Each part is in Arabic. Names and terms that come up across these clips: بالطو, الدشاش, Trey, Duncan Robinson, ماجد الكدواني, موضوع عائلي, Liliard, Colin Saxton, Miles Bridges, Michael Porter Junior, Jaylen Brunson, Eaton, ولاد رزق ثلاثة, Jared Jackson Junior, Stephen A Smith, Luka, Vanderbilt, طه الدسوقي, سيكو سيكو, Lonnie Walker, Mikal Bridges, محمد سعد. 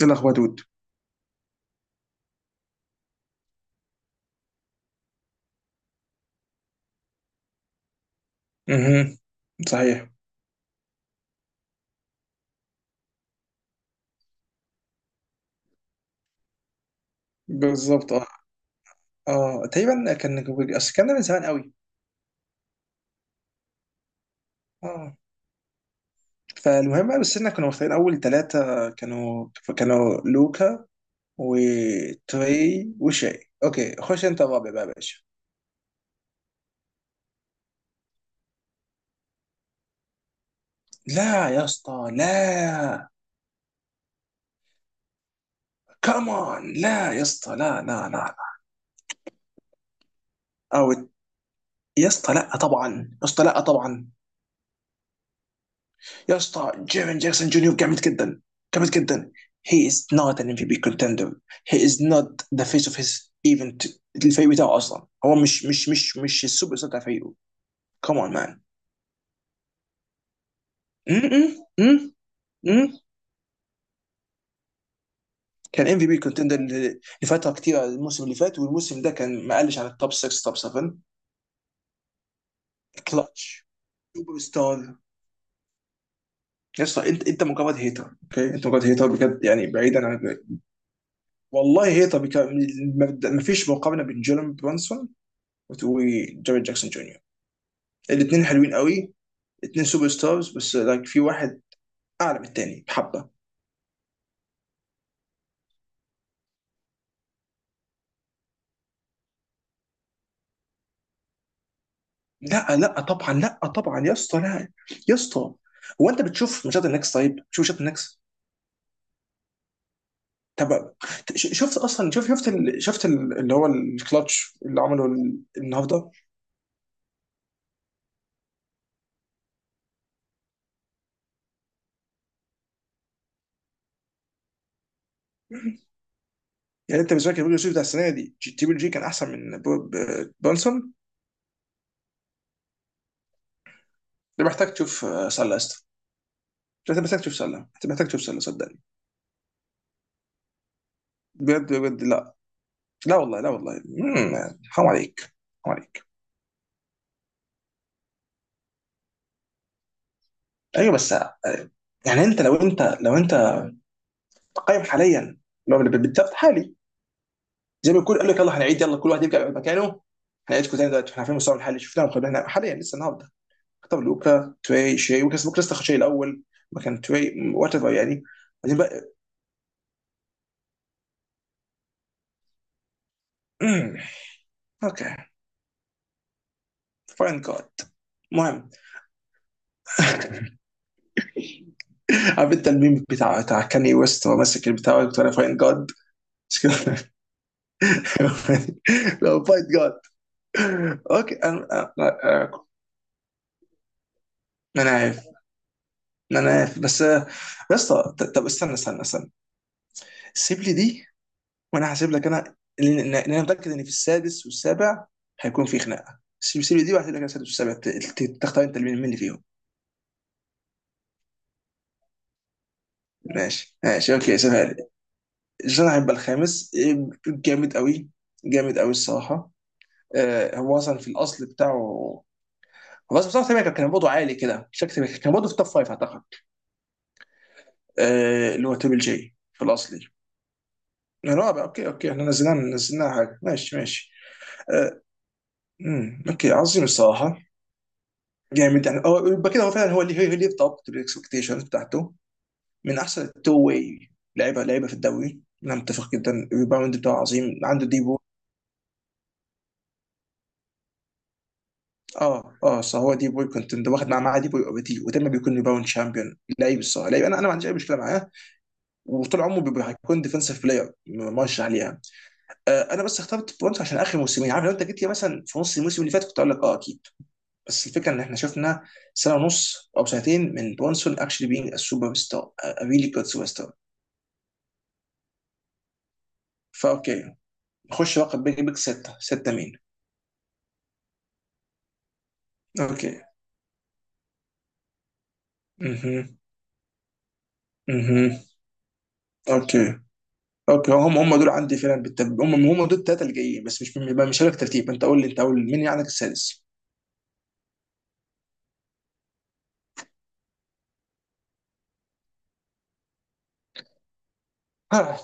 ايه الاخبار يا دود؟ امم صحيح. بالظبط اه. اه تقريبا كان اصل كان ده من زمان قوي. اه. فالمهم بقى، بس احنا كنا مختارين اول ثلاثه كانوا لوكا وتري وشاي. اوكي، خش انت الرابع بقى يا باشا. لا يا اسطى لا. كمان لا يا اسطى، لا لا لا لا. او يا اسطى لا طبعا، يا اسطى لا طبعا. يا اسطى جيرين جاكسون جونيور جامد جدا، جامد جدا. he is not an MVP contender, he is not the face of his, even الفريق بتاعه اصلا هو مش السوبر ستار بتاع فريقه. come on man. م- م- م- كان ام في بي كونتندر لفتره كتير. الموسم اللي فات والموسم ده كان ما قلش عن التوب 6 توب 7. كلتش سوبر ستار. يا اسطى، انت مجرد هيتر، اوكي انت مجرد هيتر بجد، يعني بعيدا عن... والله هيتر بك... ما فيش مقارنه بين جيلن برانسون وجاريد جاكسون جونيور. الاثنين حلوين قوي، اثنين سوبر ستارز، بس لايك في واحد اعلى من الثاني بحبه. لا لا طبعا، لا طبعا يا اسطى لا. يا اسطى، هو انت بتشوف ماتشات النكس؟ طيب شوف ماتشات النكس. طب شفت اصلا، شوف شفت ال... شفت ال... اللي هو الكلاتش اللي عمله ال- النهارده. يعني انت بالنسبه لك البيج بتاع السنه دي جي- تريبل جي كان احسن من بو- ب- بونسون؟ ده محتاج تشوف سله يا اسطى. انت محتاج تشوف سله، انت محتاج تشوف سله صدقني. بجد بجد لا. لا والله لا والله. حرام عليك، حرام عليك. ايوه بس يعني انت لو انت قايم حاليا، لو اللي بالضبط حالي، زي ما يكون قال لك يلا هنعيد، يلا كل واحد يرجع مكانه، هنعيدكم تاني دلوقتي، احنا عارفين مستوى الحالي شفناه وخدناه. احنا حاليا لسه النهارده اختار لوكا تري شي وكاس بوك لسه شي الاول مكان تري. وات ايفر يعني. بعدين بقى. مم، اوكي. فاين جاد. المهم. عارف انت الميم بتاع كاني ويست وهو ماسك البتاع بتاع فاين جاد؟ لو فاين جاد، اوكي انا. أنا عارف، انا عارف بس يا اسطى، ط- طب استنى استنى. سيب لي دي وانا هسيب لك، انا لان لأن انا متاكد ان في السادس والسابع هيكون في خناقه. سيب لي دي وهسيب لك السادس والسابع. تختار انت مين اللي فيهم. ماشي ماشي، اوكي سيبها لي. جون هيبقى الخامس جامد قوي، جامد قوي الصراحه. هو اصلا في الاصل بتاعه، هو اصلا بتاعه تقريباً كان برضه عالي كده، شكله كان برضه في توب فايف اعتقد. اللي هو تريبل جي في الاصل رابع. اوكي اوكي، احنا نزلنا حاجه. ماشي ماشي. آه. اوكي عظيم الصراحه، جامد يعني. هو- يبقى كده هو فعلا هو اللي هو اللي يتضبط بالاكسبكتيشنز بتاعته. من احسن التو واي لعيبه، في الدوري انا متفق جدا. الريباوند بتاعه عظيم، عنده دي بوي. اه اه صح، هو دي بوي كنت واخد معاه دي بوي اوريدي، ودايما بيكون ريباوند شامبيون. لعيب الصراحه لعيب، انا ما عنديش اي مشكله معاه، وطول عمره بيبقى هيكون ديفنسيف بلاير مرشح ليها. آه انا بس اخترت برونز عشان اخر موسمين. عارف، لو انت جيت لي مثلا في نص الموسم اللي فات كنت اقول لك اه اكيد. بس الفكره ان احنا شفنا سنه ونص او سنتين من برونسون اكشلي بينج سوبر ستار، ريلي جود سوبر ستار. فاوكي، نخش بقى بيج سته. سته مين؟ اوكي. اها اها، اوكي اوكي، هم دول عندي فعلا بالتب... هم دول الثلاثه اللي جايين. بس مش هقول لك ترتيب، انت قول لي، انت قول مين عندك السادس. ها،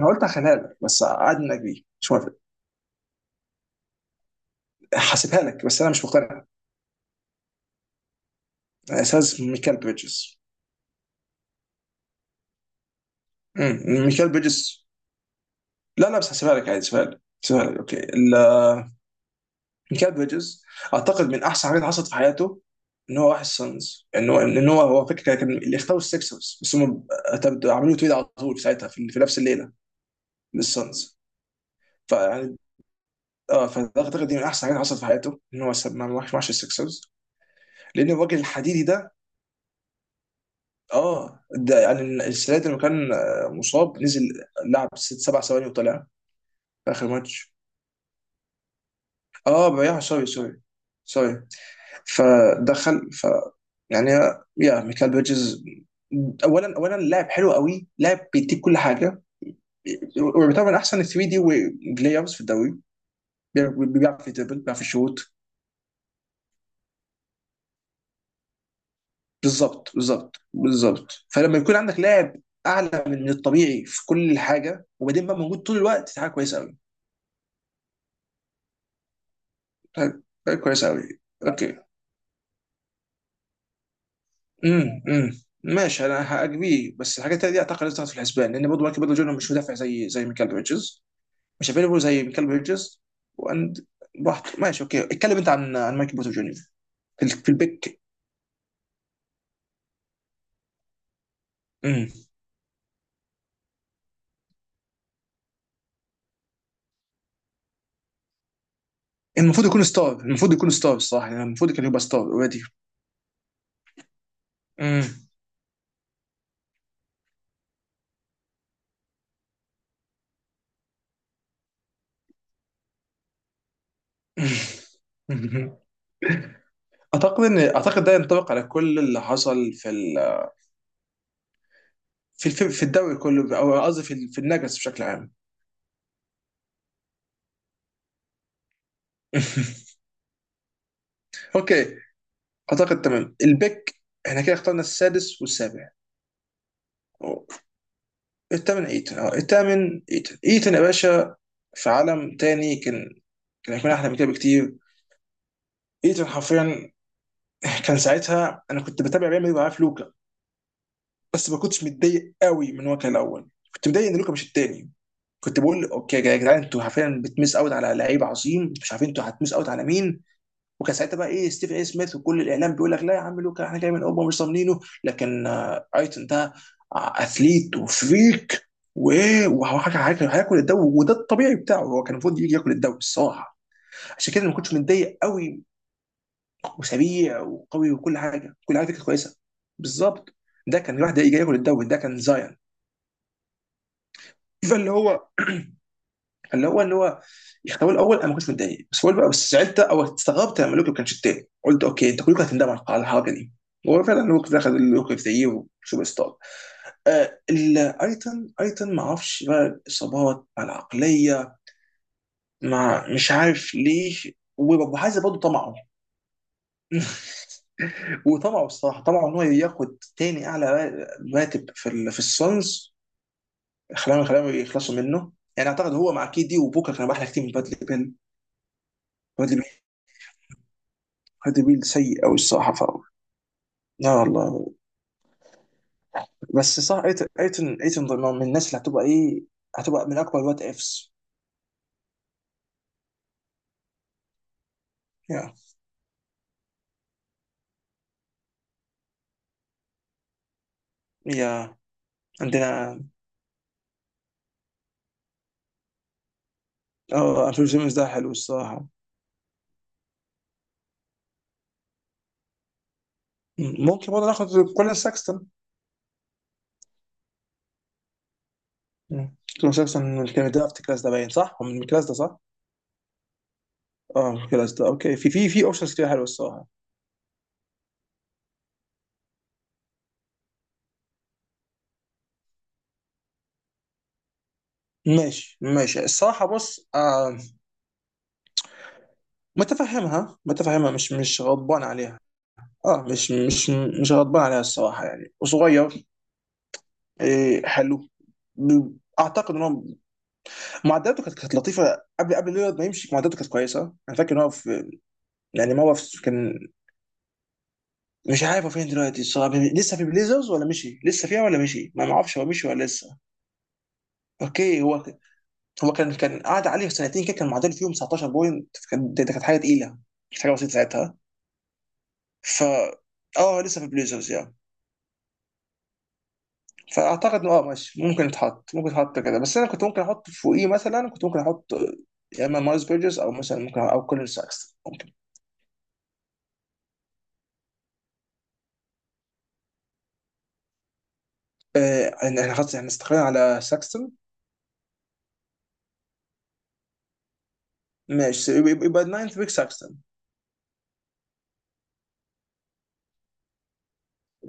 انا قلت هخليها لك، بس قاعد انك بيه مش موافق. هسيبها لك بس انا مش مقتنع. اساس ميكال بريدجز. ميكال بريدجز. لا لا، بس هسيبها لك عادي، هسيبها لك، هسيبها لك اوكي. ميكال بريدجز اعتقد من احسن حاجات حصلت في حياته ان هو راح السانز. ان هو ان هو هو فكره كان اللي اختاروا السكسرز، بس هم اعتمدوا- عملوا تريد على طول في ساعتها في، في نفس الليله للسانز. فيعني اه، فاعتقد دي من احسن حاجات حصلت في حياته ان هو ساب- ما راحش السكسرز، لان الراجل الحديدي ده اه ده يعني السنه دي لما كان مصاب نزل لعب ست سبع ثواني وطلع في اخر ماتش. اه بيع، سوري سوري سوري. فدخل ف يعني، يا ميكال بيرجز، اولا لاعب حلو قوي، لاعب بيديك كل حاجه، ويعتبر من احسن 3 دي بلايرز في الدوري. بي- بيعرف يدبل، بيعرف يشوت. بالظبط، فلما يكون عندك لاعب اعلى من الطبيعي في كل حاجه وبعدين بقى موجود طول الوقت، دي حاجه كويسه قوي. حاجة كويسه قوي. اوكي. امم امم ماشي، انا هاجبيه، بس الحاجات التانية دي اعتقد لازم تاخد في الحسبان، لان برضه مايكل برضه جونيور مش مدافع زي ميكال بيرجز، مش افيلبل زي كلب هيدجز واند. براحته، ماشي، اوكي اتكلم انت عن مايكل بورتر جونيور في، في البيك. مم. المفروض يكون ستار، المفروض يكون ستار الصراحه. يعني المفروض كان يبقى ستار اوريدي. اعتقد ده ينطبق على كل اللي حصل في ال... في الدوري كله، او قصدي في ال- في النجس بشكل عام. اوكي. اعتقد تمام البيك. احنا كده اخترنا السادس والسابع. الثامن ايتن. اه الثامن ايتن، ايتن يا باشا، في عالم تاني كان، كان هيكون احلى من كده بكتير. ايتن حرفيا، كان ساعتها انا كنت بتابع ريال مدريد وعارف لوكا. بس ما كنتش متضايق قوي من هو كان الاول، كنت متضايق ان لوكا مش التاني. كنت بقول اوكي يا جدعان، انتوا حرفيا بتمس اوت على لعيب عظيم، مش عارفين انتوا هتمس اوت على مين. وكان ساعتها بقى ايه ستيفن اي سميث وكل الاعلام بيقول لك لا يا عم لوكا، احنا جاي من اوروبا مش ضامنينه، لكن ايتون ده اثليت وفريك، وايه، وهياكل هياكل الدوري، وده الطبيعي بتاعه. هو كان المفروض يجي ياكل الدوري الصراحه، عشان كده أنا ما كنتش متضايق قوي. وسريع وقوي وكل حاجه، كل حاجه كانت كويسه. بالظبط، ده كان واحد جاي ياكل الدوري، ده كان زاين. فاللي هو اللي هو يختاروا الاول انا ما كنتش متضايق، بس هو بقى بس زعلت او استغربت لما لوكي ما كانش التاني. قلت اوكي انت كلكم هتندموا على الحركه دي. هو فعلا لوكي دخل، لوكي في زيه سوبر ستار. آه ايتن، ايتن ما اعرفش بقى الاصابات مع العقليه مع مش عارف ليه. وعايز برضه طمعه. وطمعه الصراحه، طمعه ان هو ياخد تاني اعلى راتب في ال- في السونز خلاهم، يخلصوا منه. يعني اعتقد هو مع كيدي وبوكا كان احلى كتير من بادلي بيل. هادي بيل سيء قوي الصراحه. ف لا والله. بس صح، ايتن ايتن ايتن ضمن- من الناس اللي هتبقى ايه، هتبقى من اكبر وات افس. يا. يا. عندنا، اه انفيل سيمنز ده حلو الصراحه. م- ممكن برضه ناخد كولين ساكستون. م. كولين ساكستون من كان درافت الكلاس ده باين صح؟ هو من الكلاس ده صح؟ اه من الكلاس ده. اوكي، في في اوبشنز كتير حلوه الصراحه. ماشي ماشي الصراحه، بص آه متفهمها، مش غضبان عليها. اه مش غضبان عليها الصراحه، يعني وصغير. إيه حلو. ب- اعتقد ان هو معداته كانت لطيفه قبل ليلارد ما يمشي، معداته كانت كويسه. انا فاكر ان هو في يعني، ما هو في كان. مش عارف هو فين دلوقتي الصراحه، لسه في بليزرز ولا مشي، لسه فيها ولا مشي، ما اعرفش هو مشي ولا لسه. اوكي. هو كان قعد عليه في سنتين كده كان معدل فيهم 19 بوينت. كان- ده كانت حاجه تقيله، مش حاجه بسيطه ساعتها. ف اه لسه في بليزرز يعني. فاعتقد إنه اه ماشي، ممكن يتحط، ممكن يتحط كده، بس انا كنت ممكن احط فوقيه، مثلا كنت ممكن احط يا اما مايلز بيرجز او مثلا ممكن او كولين ساكستون ممكن. إن احنا خلاص احنا استقرينا على ساكستون. ماشي، يبقى يبقى- يبقى الناينث بيك ساكستون.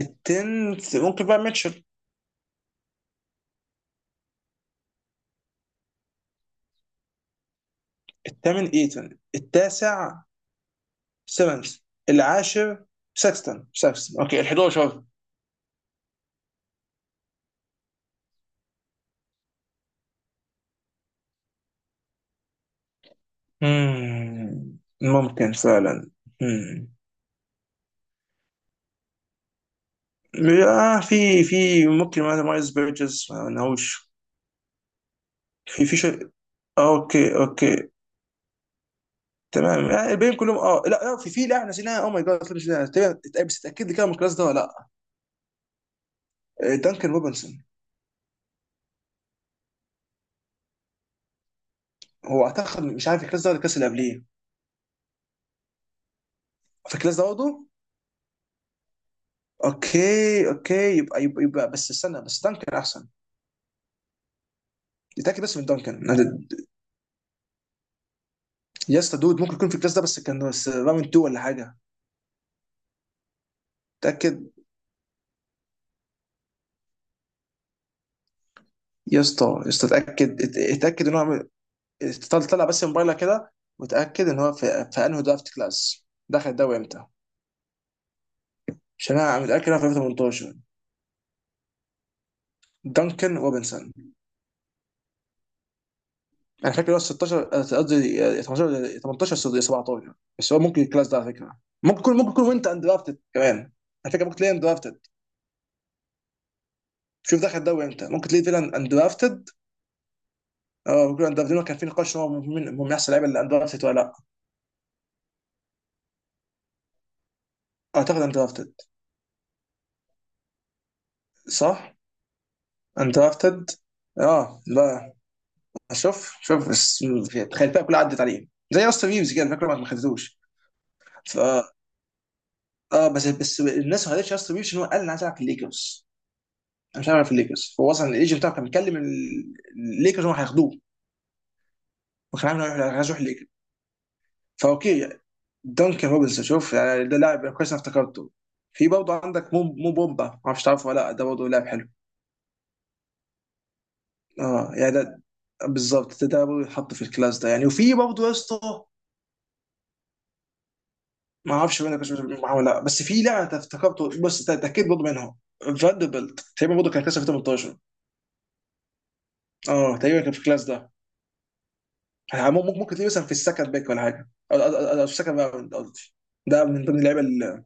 التنث ممكن بقى ميتشل. الثامن ايتون، التاسع سيمنز، العاشر ساكستون. ساكستون اوكي، ال 11. مم، ممكن فعلا. مم. آه في في ممكن مثلا مايلز بيرجز ما لهوش في في شيء. اوكي اوكي. تمام. الباقيين كلهم اه لا لا في في لاعب نسيناها، اوه ماي جاد احنا نسيناها تقريباً- اتأ- بس تاكد لي كده من الكلاس ده ولا لا. دانكن روبنسون. هو اعتقد مش عارف الكلاس ده ولا الكلاس اللي قبليه. في الكلاس ده برضه. اوكي اوكي، يبقى يبقى بس استنى، بس دانكن احسن. اتاكد بس من دانكن أنا-. يا اسطى دود ممكن يكون في الكلاس ده، بس كان بس راوند 2 ولا حاجه. اتاكد. يا اسطى يا اسطى اتاكد، ات- اتاكد ان هو عمل- طلع طلع بس موبايلك كده وتاكد ان هو في، في انهي درافت كلاس دخل الدوري امتى، عشان انا متاكد انا في 2018. دانكن روبنسون. انا فاكر هو 16 قصدي 18 ولا 18 ولا 17. بس هو ممكن الكلاس ده على فكره، ممكن يكون، ممكن يكون وانت اندرافتد كمان على فكره، ممكن تلاقيه اندرافتد. شوف دخل الدوري امتى، ممكن تلاقيه فعلا اندرافتد. اه ممكن اندرافتد، كان في نقاش هو من احسن اللعيبه اللي اندرافتد ولا لا. اعتقد اندرافتد. صح. اندرافتد. اه لا، شوف شوف بس، تخيل الفئه كلها عدت عليه زي اصلا ريفز كده، فاكر ما خدتوش. ف اه بس بس الناس ما قالتش اصلا بيبسي ان هو قال انا عايز العب في الليكرز، انا مش هلعب في الليكرز، فهو اصلا الايجنت بتاعه كان بيكلم ال- الليكرز هو هياخدوه، وكان عامل إن هو عايز يروح الليكرز. فاوكي يعني، دانكن روبنسون، شوف يعني ده لاعب كويس، انا افتكرته. في برضه عندك مو بومبا، ما اعرفش تعرفه ولا لا، ده برضه لاعب حلو. اه يعني ده بالظبط، ده برضه يتحط في الكلاس ده يعني. وفي برضه يا اسطى، ما اعرفش مين كنت معاه ولا لا، بس في لاعب أنا افتكرته. بص ده ده اكيد برضه منهم، فاندربلت تقريبا برضه كان كلاس 2018. اه تقريبا كان في الكلاس ده يعني. مم- ممكن تلاقيه مثلا في السكند باك ولا حاجه، أو في السكند باك قصدي. ده من ضمن اللعيبه اللي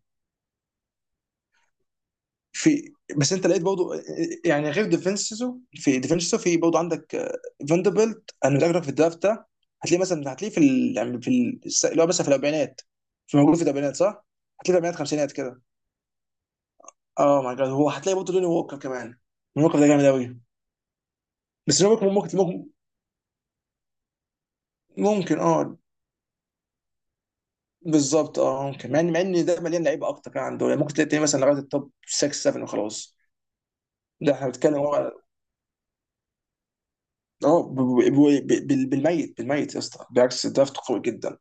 في. بس انت لقيت برضه، يعني غير ديفينسيزو، في برضه عندك فاندربيلت انا متاكد في الدرافت ده. هتلاقيه مثلا، هتلاقيه في ال... يعني في ال... اللي هو مثلا في الاربعينات. في موجود في الاربعينات صح؟ هتلاقيه في الاربعينات خمسينات كده. اه ماي جاد، هو هتلاقي برضه لوني ووكر كمان. لوني ووكر ده جامد قوي. بس لوني ووكر ممكن. ممكن اه، بالظبط اه ممكن، مع ان مع ان ده مليان لعيبه اكتر كان عنده، يعني ممكن تلاقي مثلا لغايه التوب 6 7 وخلاص. لا احنا بنتكلم هو اه بالميت، يا اسطى، بالعكس الدرافت قوي جدا.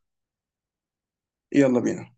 يلا بينا.